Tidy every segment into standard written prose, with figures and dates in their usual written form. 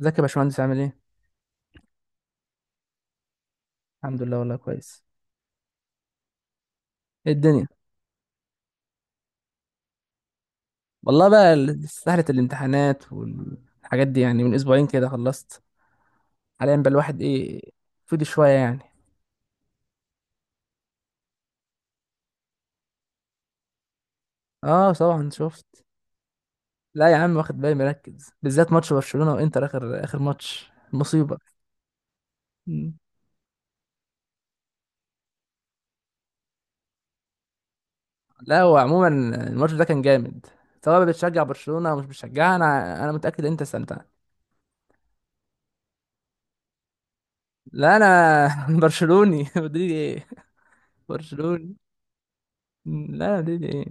ازيك يا باشمهندس عامل ايه؟ الحمد لله والله كويس. ايه الدنيا؟ والله بقى سهلة الامتحانات والحاجات دي، يعني من اسبوعين كده خلصت. حاليا بقى الواحد ايه، فضي شوية يعني. اه طبعا شفت. لا يا عم، واخد بالي، مركز بالذات ماتش برشلونة وانتر، اخر اخر ماتش مصيبة. مم. لا هو عموما الماتش ده كان جامد، سواء بتشجع برشلونة او مش بتشجعها انا متأكد انت استمتعت. لا انا برشلوني مدريد ايه. برشلوني. لا مدريد ايه.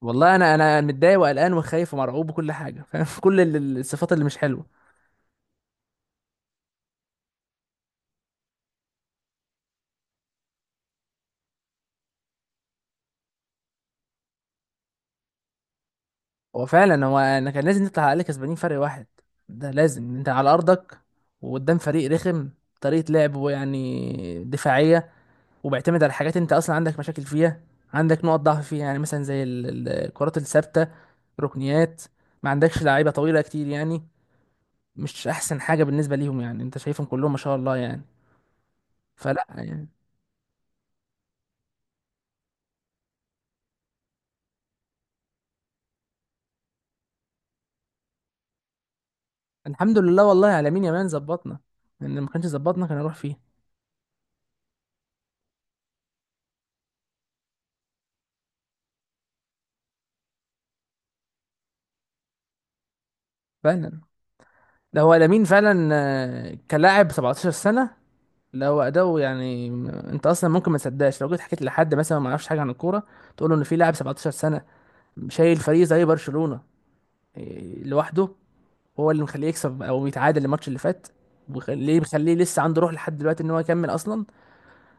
والله انا متضايق وقلقان وخايف ومرعوب وكل حاجه، فاهم؟ كل الصفات اللي مش حلوه. هو فعلا، هو انا كان لازم نطلع عليه كسبانين فرق واحد. ده لازم، انت على ارضك وقدام فريق رخم، طريقه لعبه يعني دفاعيه، وبيعتمد على حاجات انت اصلا عندك مشاكل فيها، عندك نقط ضعف فيها، يعني مثلا زي الكرات الثابته، ركنيات. ما عندكش لعيبه طويله كتير يعني، مش احسن حاجه بالنسبه ليهم. يعني انت شايفهم كلهم ما شاء الله يعني، فلا يعني. الحمد لله، والله على مين يا مان؟ ظبطنا، لان ما كانش ظبطنا كان هنروح فيه. فعلا، ده هو لامين فعلا. كلاعب 17 سنه. لا هو اداؤه يعني، انت اصلا ممكن ما تصدقش لو جيت حكيت لحد مثلا ما يعرفش حاجه عن الكوره، تقول له ان في لاعب 17 سنه شايل فريق زي برشلونه، لوحده، هو اللي مخليه يكسب او يتعادل الماتش اللي فات، وخليه مخليه لسه عنده روح لحد دلوقتي ان هو يكمل اصلا.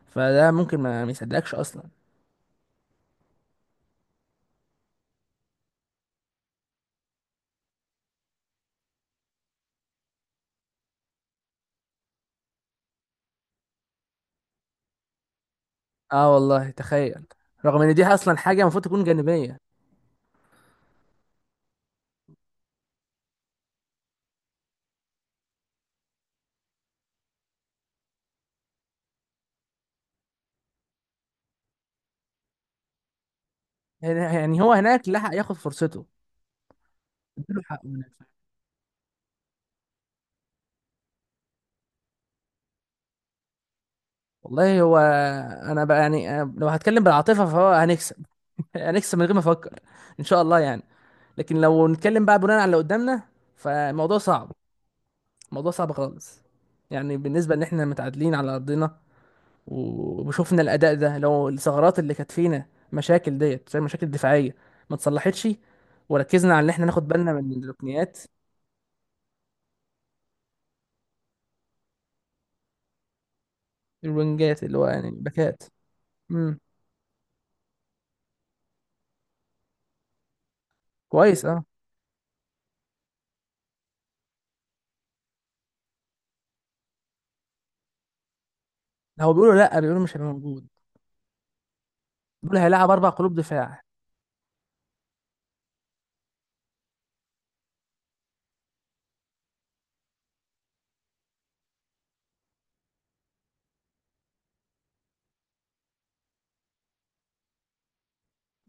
فده ممكن ما يصدقكش اصلا. اه والله تخيل، رغم ان دي اصلا حاجه المفروض تكون جانبيه. يعني هو هناك لحق ياخد فرصته، اديله حقه هناك. والله هو انا بقى يعني، أنا لو هتكلم بالعاطفه فهو هنكسب هنكسب من غير ما افكر، ان شاء الله يعني. لكن لو نتكلم بقى بناء على اللي قدامنا فالموضوع صعب، الموضوع صعب خالص. يعني بالنسبه ان احنا متعادلين على ارضنا، وشوفنا الاداء ده، لو الثغرات اللي كانت فينا، مشاكل ديت زي المشاكل الدفاعيه ما اتصلحتش، وركزنا على ان احنا ناخد بالنا من الركنيات، الوينجات اللي هو يعني الباكات. امم، كويس اه. هو بيقولوا، لا بيقولوا مش هيبقى موجود، بيقولوا هيلعب اربع قلوب دفاع.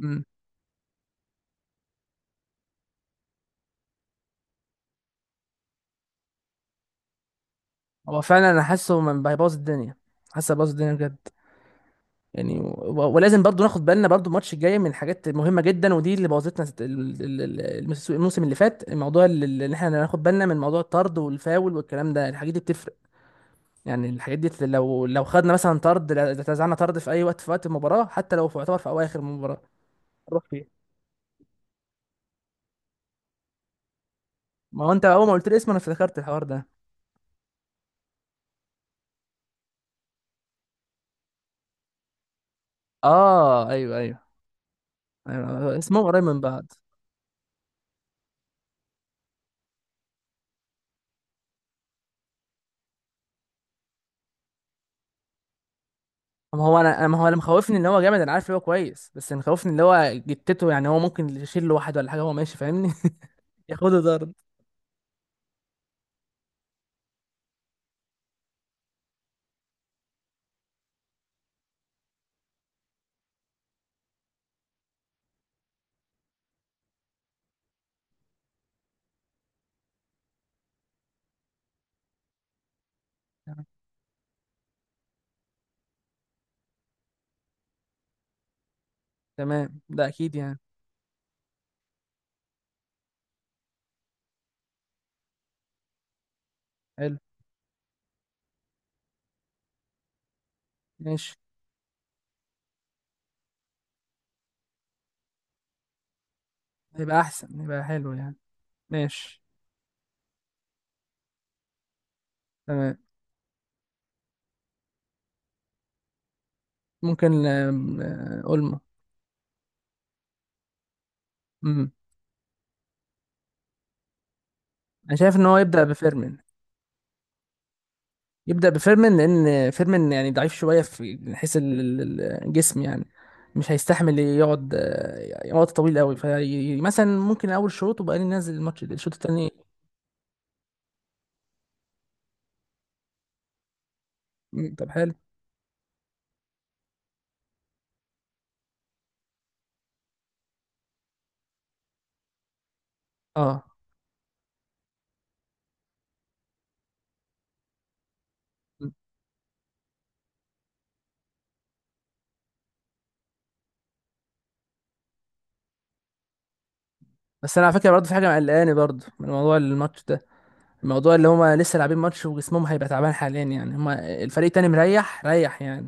امم. هو فعلا انا حاسه من هيبوظ الدنيا، حاسه هيبوظ الدنيا بجد. يعني ولازم برضو ناخد بالنا برضو الماتش الجاي من حاجات مهمه جدا، ودي اللي بوظتنا الموسم اللي فات. الموضوع اللي احنا ناخد بالنا من موضوع الطرد والفاول والكلام ده، الحاجات دي بتفرق. يعني الحاجات دي لو خدنا مثلا طرد، لو اتزعلنا طرد في اي وقت، في وقت المباراه، حتى لو في يعتبر في اواخر المباراه نروح فيه. ما هو انت اول ما قلت لي اسمه انا افتكرت الحوار ده. اه ايوه ايوه. اسمهم قريب من بعض. ما هو انا، ما هو اللي مخوفني ان هو جامد، انا عارف ان هو كويس، بس اللي مخوفني اللي هو جتته يعني، هو ممكن يشيل له واحد ولا حاجه، هو ماشي، فاهمني؟ ياخده ضرب يعني. تمام، ده اكيد يعني. حلو. ماشي. هيبقى احسن، هيبقى حلو يعني. ماشي. تمام. ممكن آم، آه، اولمو. امم. انا شايف ان هو يبدا بفيرمين، يبدأ بفيرمين، لأن فيرمين يعني ضعيف شوية في من حيث الجسم يعني، مش هيستحمل يقعد وقت طويل قوي، فمثلا ممكن أول شوط وبقى ننزل الماتش الشوط التاني. مم، طب حلو. اه. مم. بس أنا على فكرة برضه في حاجة مقلقاني برضه من موضوع الماتش ده، الموضوع اللي هما لسه لاعبين ماتش وجسمهم هيبقى تعبان حاليا، يعني هما الفريق التاني مريح، ريح يعني.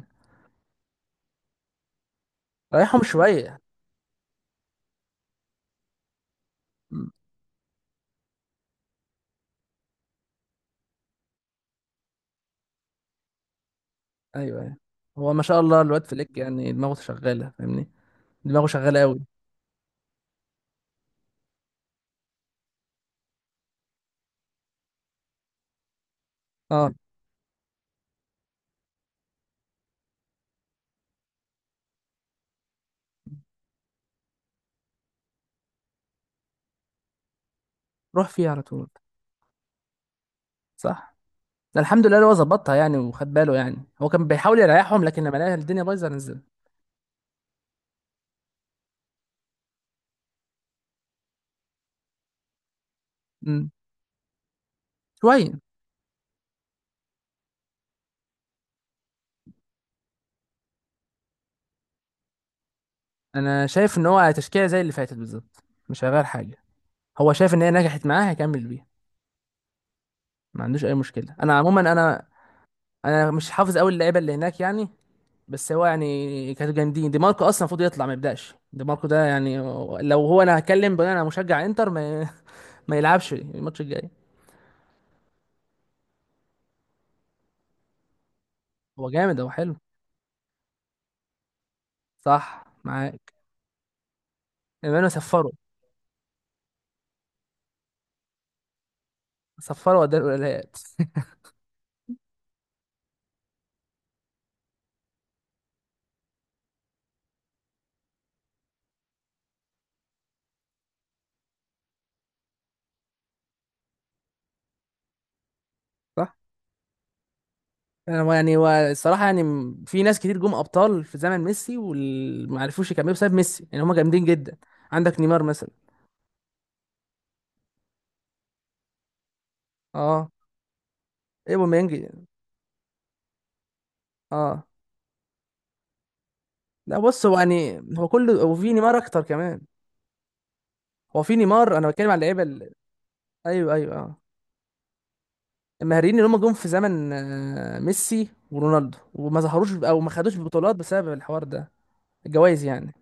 ريحهم شوية. مم. أيوه أيوه. هو ما شاء الله الواد فليك يعني دماغه شغالة، فاهمني؟ دماغه شغالة قوي. اه. روح فيه على طول. صح. ده الحمد لله اللي هو ظبطها يعني، وخد باله، يعني هو كان بيحاول يريحهم لكن لما لقى الدنيا بايظه نزل. امم. شويه. انا شايف ان هو تشكيله زي اللي فاتت بالظبط، مش هيغير حاجه، هو شايف ان هي نجحت معاه هيكمل بيها، ما عندوش اي مشكله. انا عموما انا مش حافظ قوي اللعيبه اللي هناك يعني، بس هو يعني كانوا جامدين. دي ماركو اصلا المفروض يطلع، ما يبداش دي ماركو ده يعني. لو هو، انا هتكلم بناء انا مشجع انتر، ما, ما يلعبش الماتش الجاي. هو جامد، هو حلو. صح معاك. امانو صفره. صفره وداه الولايات. انا يعني هو الصراحه يعني، في ناس كتير جم ابطال في زمن ميسي وما عرفوش يكملوا بسبب ميسي، يعني هم جامدين جدا. عندك نيمار مثلا. اه. ايه بوميانج. اه. لا بص، هو يعني هو كله، وفي نيمار اكتر كمان. هو في نيمار، انا بتكلم على اللعيبه ايوه ايوه اه. المهاريين اللي هم جم في زمن ميسي ورونالدو وما ظهروش او ما خدوش بطولات بسبب الحوار ده، الجوائز يعني.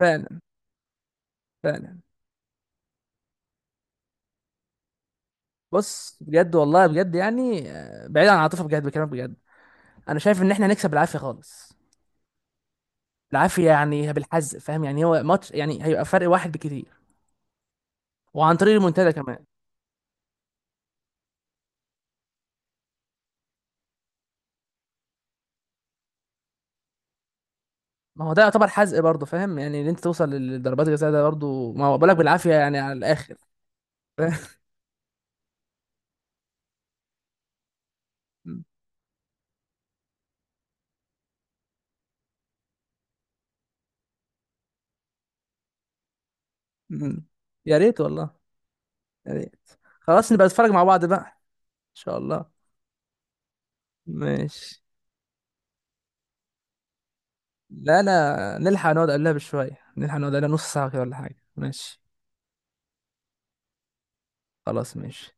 فعلا. فعلا. بص بجد والله، بجد يعني بعيد عن العاطفه، بجد بكلامك بجد، انا شايف ان احنا هنكسب بالعافيه خالص، العافيه يعني بالحزق، فاهم؟ يعني هو ماتش يعني هيبقى فرق واحد بكتير، وعن طريق المنتدى كمان. ما هو ده يعتبر حزق برضه، فاهم يعني؟ ان انت توصل للضربات الجزاء ده برضه ما هو بالك بالعافيه يعني على الاخر. فاهم؟ مم. يا ريت والله، يا ريت. خلاص نبقى نتفرج مع بعض بقى، ان شاء الله. ماشي. لا لا، نلحق نقعد قبلها بشويه، نلحق نقعد قبلها نص ساعه كده ولا حاجه. ماشي. خلاص ماشي.